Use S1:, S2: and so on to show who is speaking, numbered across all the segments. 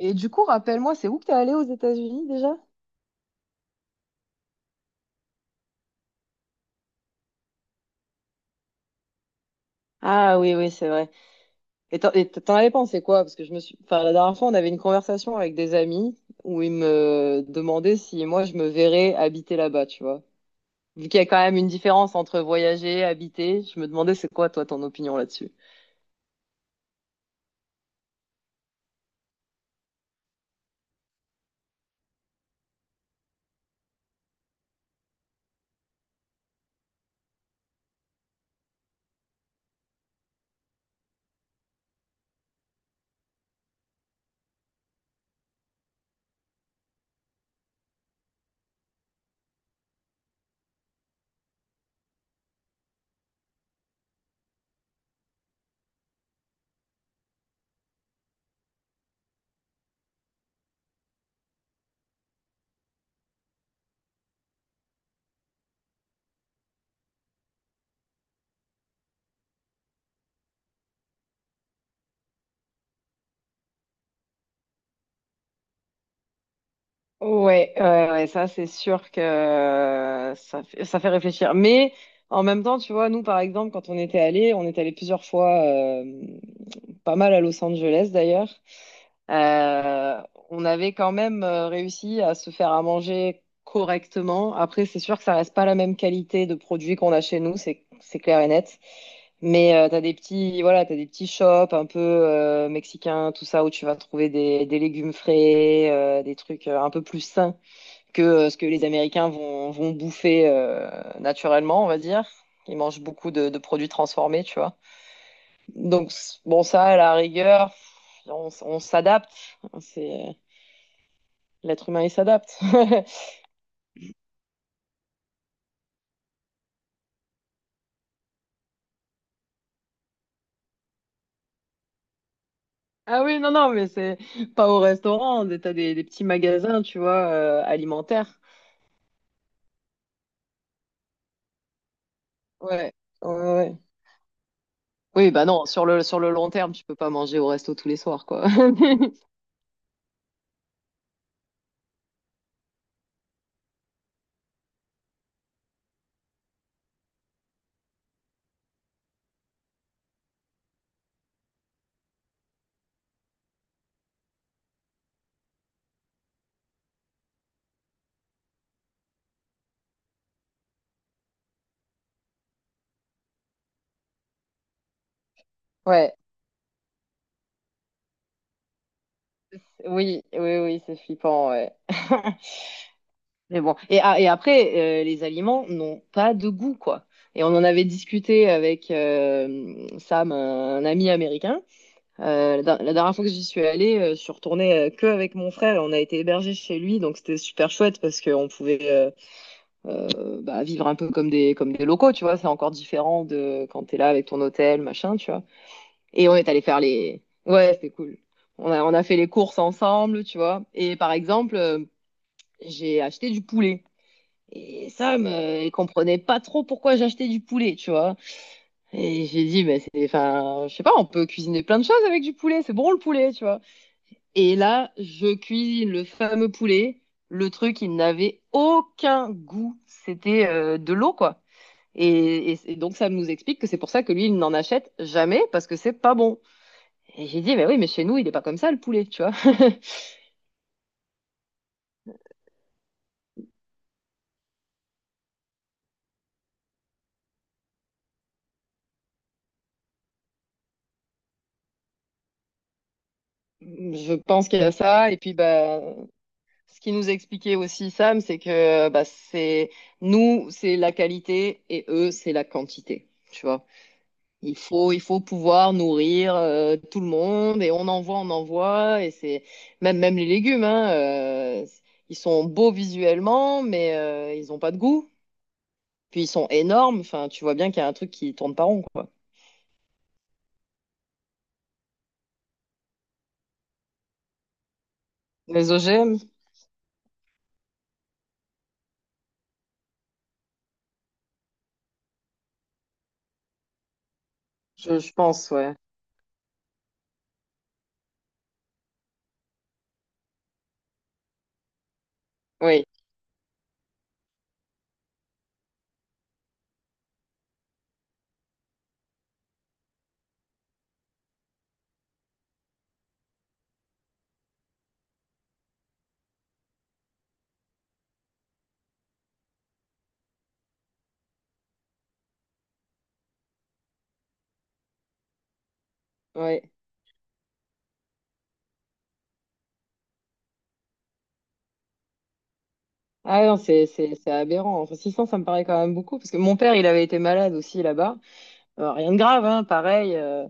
S1: Et du coup, rappelle-moi, c'est où que t'es allé aux États-Unis déjà? Ah oui, oui, c'est vrai. Et t'en avais pensé quoi? Parce que je me suis... Enfin, la dernière fois, on avait une conversation avec des amis où ils me demandaient si moi, je me verrais habiter là-bas, tu vois. Vu qu'il y a quand même une différence entre voyager et habiter, je me demandais c'est quoi, toi, ton opinion là-dessus? Ouais, ouais, ouais, ça c'est sûr que ça fait réfléchir. Mais en même temps, tu vois, nous par exemple, quand on était allés, on est allés plusieurs fois. Pas mal à Los Angeles d'ailleurs. Euh, on avait quand même réussi à se faire à manger correctement. Après, c'est sûr que ça reste pas la même qualité de produits qu'on a chez nous, c'est clair et net. Mais t'as des petits, voilà, t'as des petits shops un peu mexicains, tout ça, où tu vas trouver des légumes frais, des trucs un peu plus sains que ce que les Américains vont, vont bouffer naturellement, on va dire. Ils mangent beaucoup de produits transformés, tu vois. Donc, bon, ça, à la rigueur, on s'adapte. C'est, l'être humain, il s'adapte. Ah oui, non, non, mais c'est pas au restaurant. T'as des petits magasins, tu vois, alimentaires. Ouais, ouais, ouais. Oui, bah non, sur le long terme, tu peux pas manger au resto tous les soirs, quoi. Ouais, oui, oui, oui, c'est flippant, ouais. Mais bon, et, ah, et après, les aliments n'ont pas de goût, quoi. Et on en avait discuté avec Sam, un ami américain. La, la dernière fois que j'y suis allée, je suis retournée que avec mon frère. Et on a été hébergés chez lui, donc c'était super chouette parce qu'on pouvait bah, vivre un peu comme des locaux, tu vois. C'est encore différent de quand t'es là avec ton hôtel, machin, tu vois. Et on est allé faire les. Ouais, c'était cool. On a fait les courses ensemble, tu vois. Et par exemple, j'ai acheté du poulet. Et Sam, il comprenait pas trop pourquoi j'achetais du poulet, tu vois. Et j'ai dit, mais c'est, enfin, je sais pas, on peut cuisiner plein de choses avec du poulet, c'est bon le poulet, tu vois. Et là, je cuisine le fameux poulet. Le truc, il n'avait aucun goût. C'était de l'eau, quoi. Et donc, ça nous explique que c'est pour ça que lui, il n'en achète jamais parce que c'est pas bon. Et j'ai dit, mais oui, mais chez nous, il est pas comme ça, le poulet, tu vois. Je pense qu'il y a ça. Et puis, bah, ce qui nous expliquait aussi, Sam, c'est que bah, c'est nous, c'est la qualité et eux, c'est la quantité. Tu vois. Il faut pouvoir nourrir tout le monde et on envoie et c'est même les légumes hein, ils sont beaux visuellement mais ils ont pas de goût. Puis ils sont énormes, enfin tu vois bien qu'il y a un truc qui tourne pas rond quoi. Les OGM, je pense ouais. Oui, oui. Ah non, c'est aberrant. Enfin, 600 ça me paraît quand même beaucoup parce que mon père, il avait été malade aussi là-bas. Rien de grave hein, pareil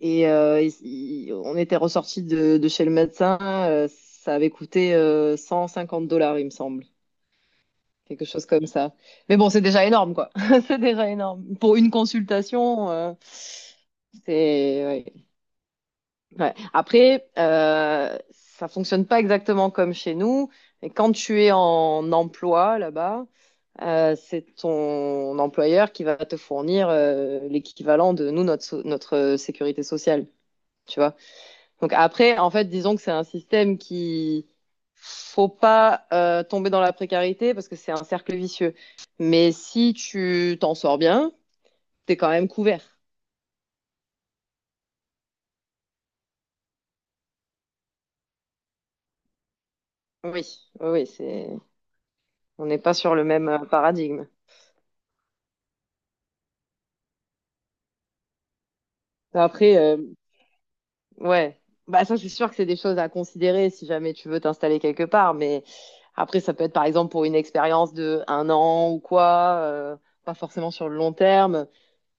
S1: Et euh, il- on était ressorti de chez le médecin, ça avait coûté 150 dollars, il me semble, quelque chose comme ça. Mais bon, c'est déjà énorme, quoi. C'est déjà énorme. Pour une consultation, c'est... ouais. Ouais. Après, ça fonctionne pas exactement comme chez nous. Et quand tu es en emploi là-bas, c'est ton employeur qui va te fournir l'équivalent de nous, notre, notre sécurité sociale, tu vois. Donc après, en fait, disons que c'est un système qui faut pas tomber dans la précarité parce que c'est un cercle vicieux. Mais si tu t'en sors bien, t'es quand même couvert. Oui, oui, oui, c'est on n'est pas sur le même paradigme. Après, ouais, bah ça c'est sûr que c'est des choses à considérer si jamais tu veux t'installer quelque part. Mais après, ça peut être par exemple pour une expérience de 1 an ou quoi, pas forcément sur le long terme.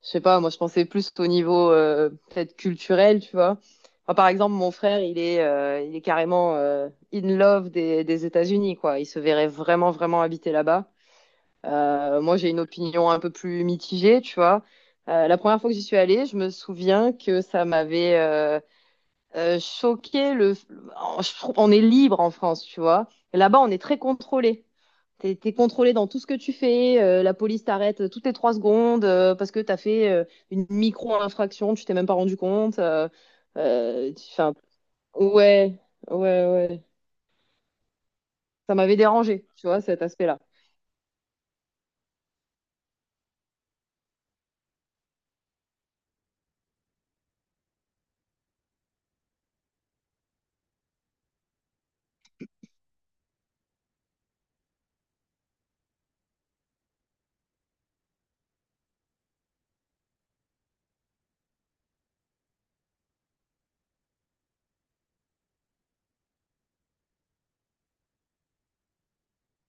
S1: Je sais pas, moi je pensais plus au niveau peut-être culturel, tu vois. Enfin, par exemple, mon frère, il est carrément in love des États-Unis, quoi. Il se verrait vraiment, vraiment habiter là-bas. Moi, j'ai une opinion un peu plus mitigée, tu vois. La première fois que j'y suis allée, je me souviens que ça m'avait choqué, le... je trouve- on est libre en France, tu vois. Et là-bas, on est très contrôlé. T'es contrôlé dans tout ce que tu fais. La police t'arrête toutes les 3 secondes parce que t'as fait une micro-infraction, tu t'es même pas rendu compte. Euh, tu- 'fin, ouais, ouais, ouais. Ça m'avait dérangé, tu vois, cet aspect-là.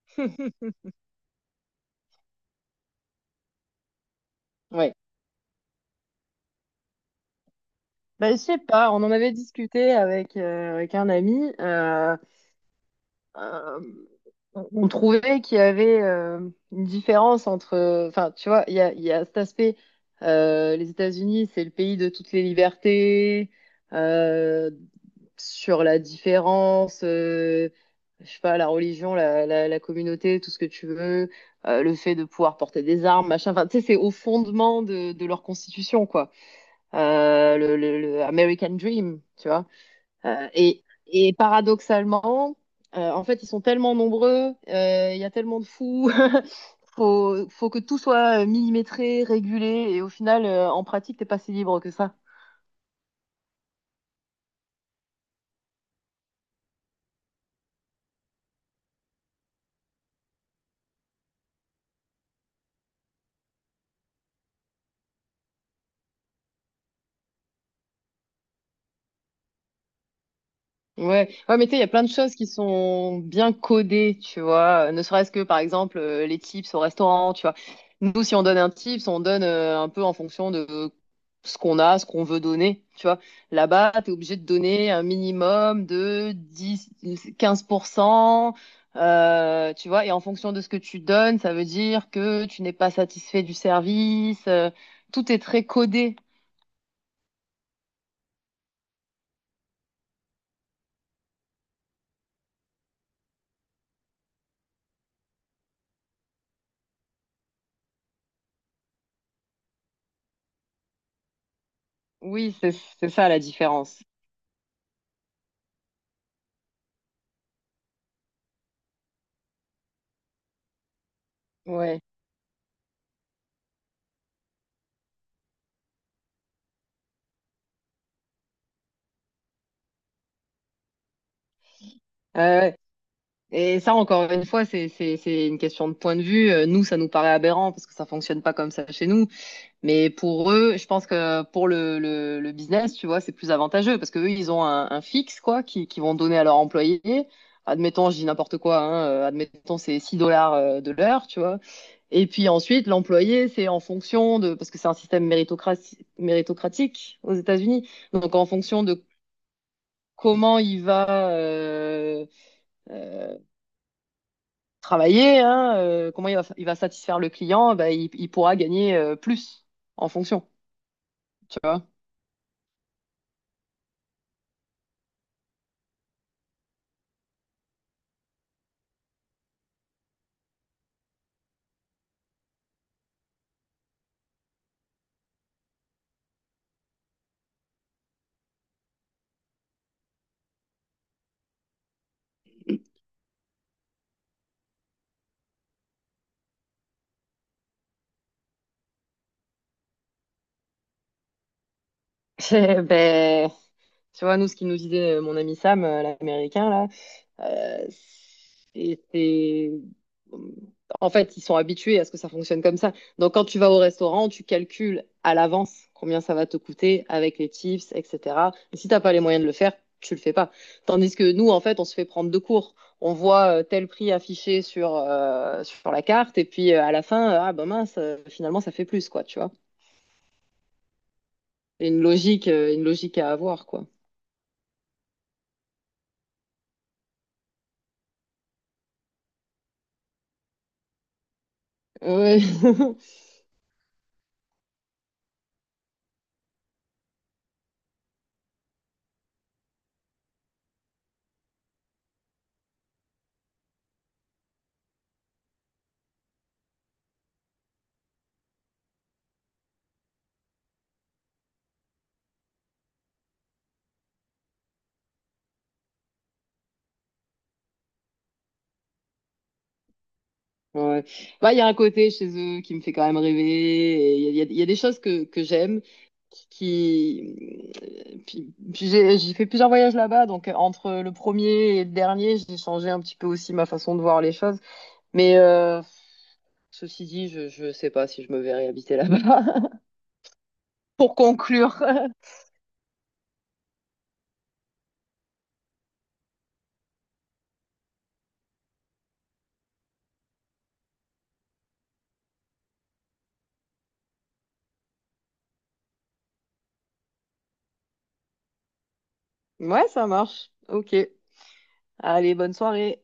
S1: Ouais. Bah, je sais pas, on en avait discuté avec, avec un ami. Euh, on trouvait qu'il y avait une différence entre, enfin, tu vois, il y a cet aspect, les États-Unis, c'est le pays de toutes les libertés, euh, sur la différence, je sais pas, la religion, la communauté, tout ce que tu veux, le fait de pouvoir porter des armes, machin, enfin, tu sais, c'est au fondement de leur constitution, quoi. Le American Dream, tu vois. Et paradoxalement, en fait, ils sont tellement nombreux, il y a tellement de fous, faut, faut que tout soit millimétré, régulé, et au final, en pratique, t'es pas si libre que ça. Ouais, ouais, mais tu sais, il y a plein de choses qui sont bien codées, tu vois. Ne serait-ce que, par exemple, les tips au restaurant, tu vois. Nous, si on donne un tips, on donne un peu en fonction de ce qu'on a, ce qu'on veut donner, tu vois. Là-bas, tu es obligé de donner un minimum de 10, 15%, tu vois. Et en fonction de ce que tu donnes, ça veut dire que tu n'es pas satisfait du service. Tout est très codé. Oui, c'est ça la différence. Ouais. Euh, Et ça, encore une fois, c'est une question de point de vue. Nous, ça nous paraît aberrant parce que ça fonctionne pas comme ça chez nous. Mais pour eux, je pense que pour le business, tu vois, c'est plus avantageux parce que eux, ils ont un fixe, quoi, qui vont donner à leurs employés. Admettons, je dis n'importe quoi, hein, admettons, c'est 6 $ de l'heure, tu vois. Et puis ensuite, l'employé, c'est en fonction de, parce que c'est un système méritocratique aux États-Unis. Donc, en fonction de comment il va, euh, travailler, hein, il va satisfaire le client, bah, il pourra gagner plus en fonction, tu vois. Eh ben, tu vois, nous, ce qu'il nous disait mon ami Sam, l'américain, là, Euh, c'est, c'est- en fait, ils sont habitués à ce que ça fonctionne comme ça. Donc, quand tu vas au restaurant, tu calcules à l'avance combien ça va te coûter avec les tips, etc. Et si t'as pas les moyens de le faire, tu le fais pas. Tandis que nous, en fait, on se fait prendre de court. On voit tel prix affiché sur, sur la carte, et puis à la fin, ah ben mince, finalement, ça fait plus, quoi, tu vois. Il une logique à avoir, quoi. Ouais. Ouais. Bah, il y a un côté chez eux qui me fait quand même rêver. Et il y a, il y a des choses que j'aime. Qui... Puis, puis j'ai fait plusieurs voyages là-bas. Donc, entre le premier et le dernier, j'ai changé un petit peu aussi ma façon de voir les choses. Mais ceci dit, je sais pas si je me verrai habiter là-bas. Pour conclure. Ouais, ça marche. Ok. Allez, bonne soirée.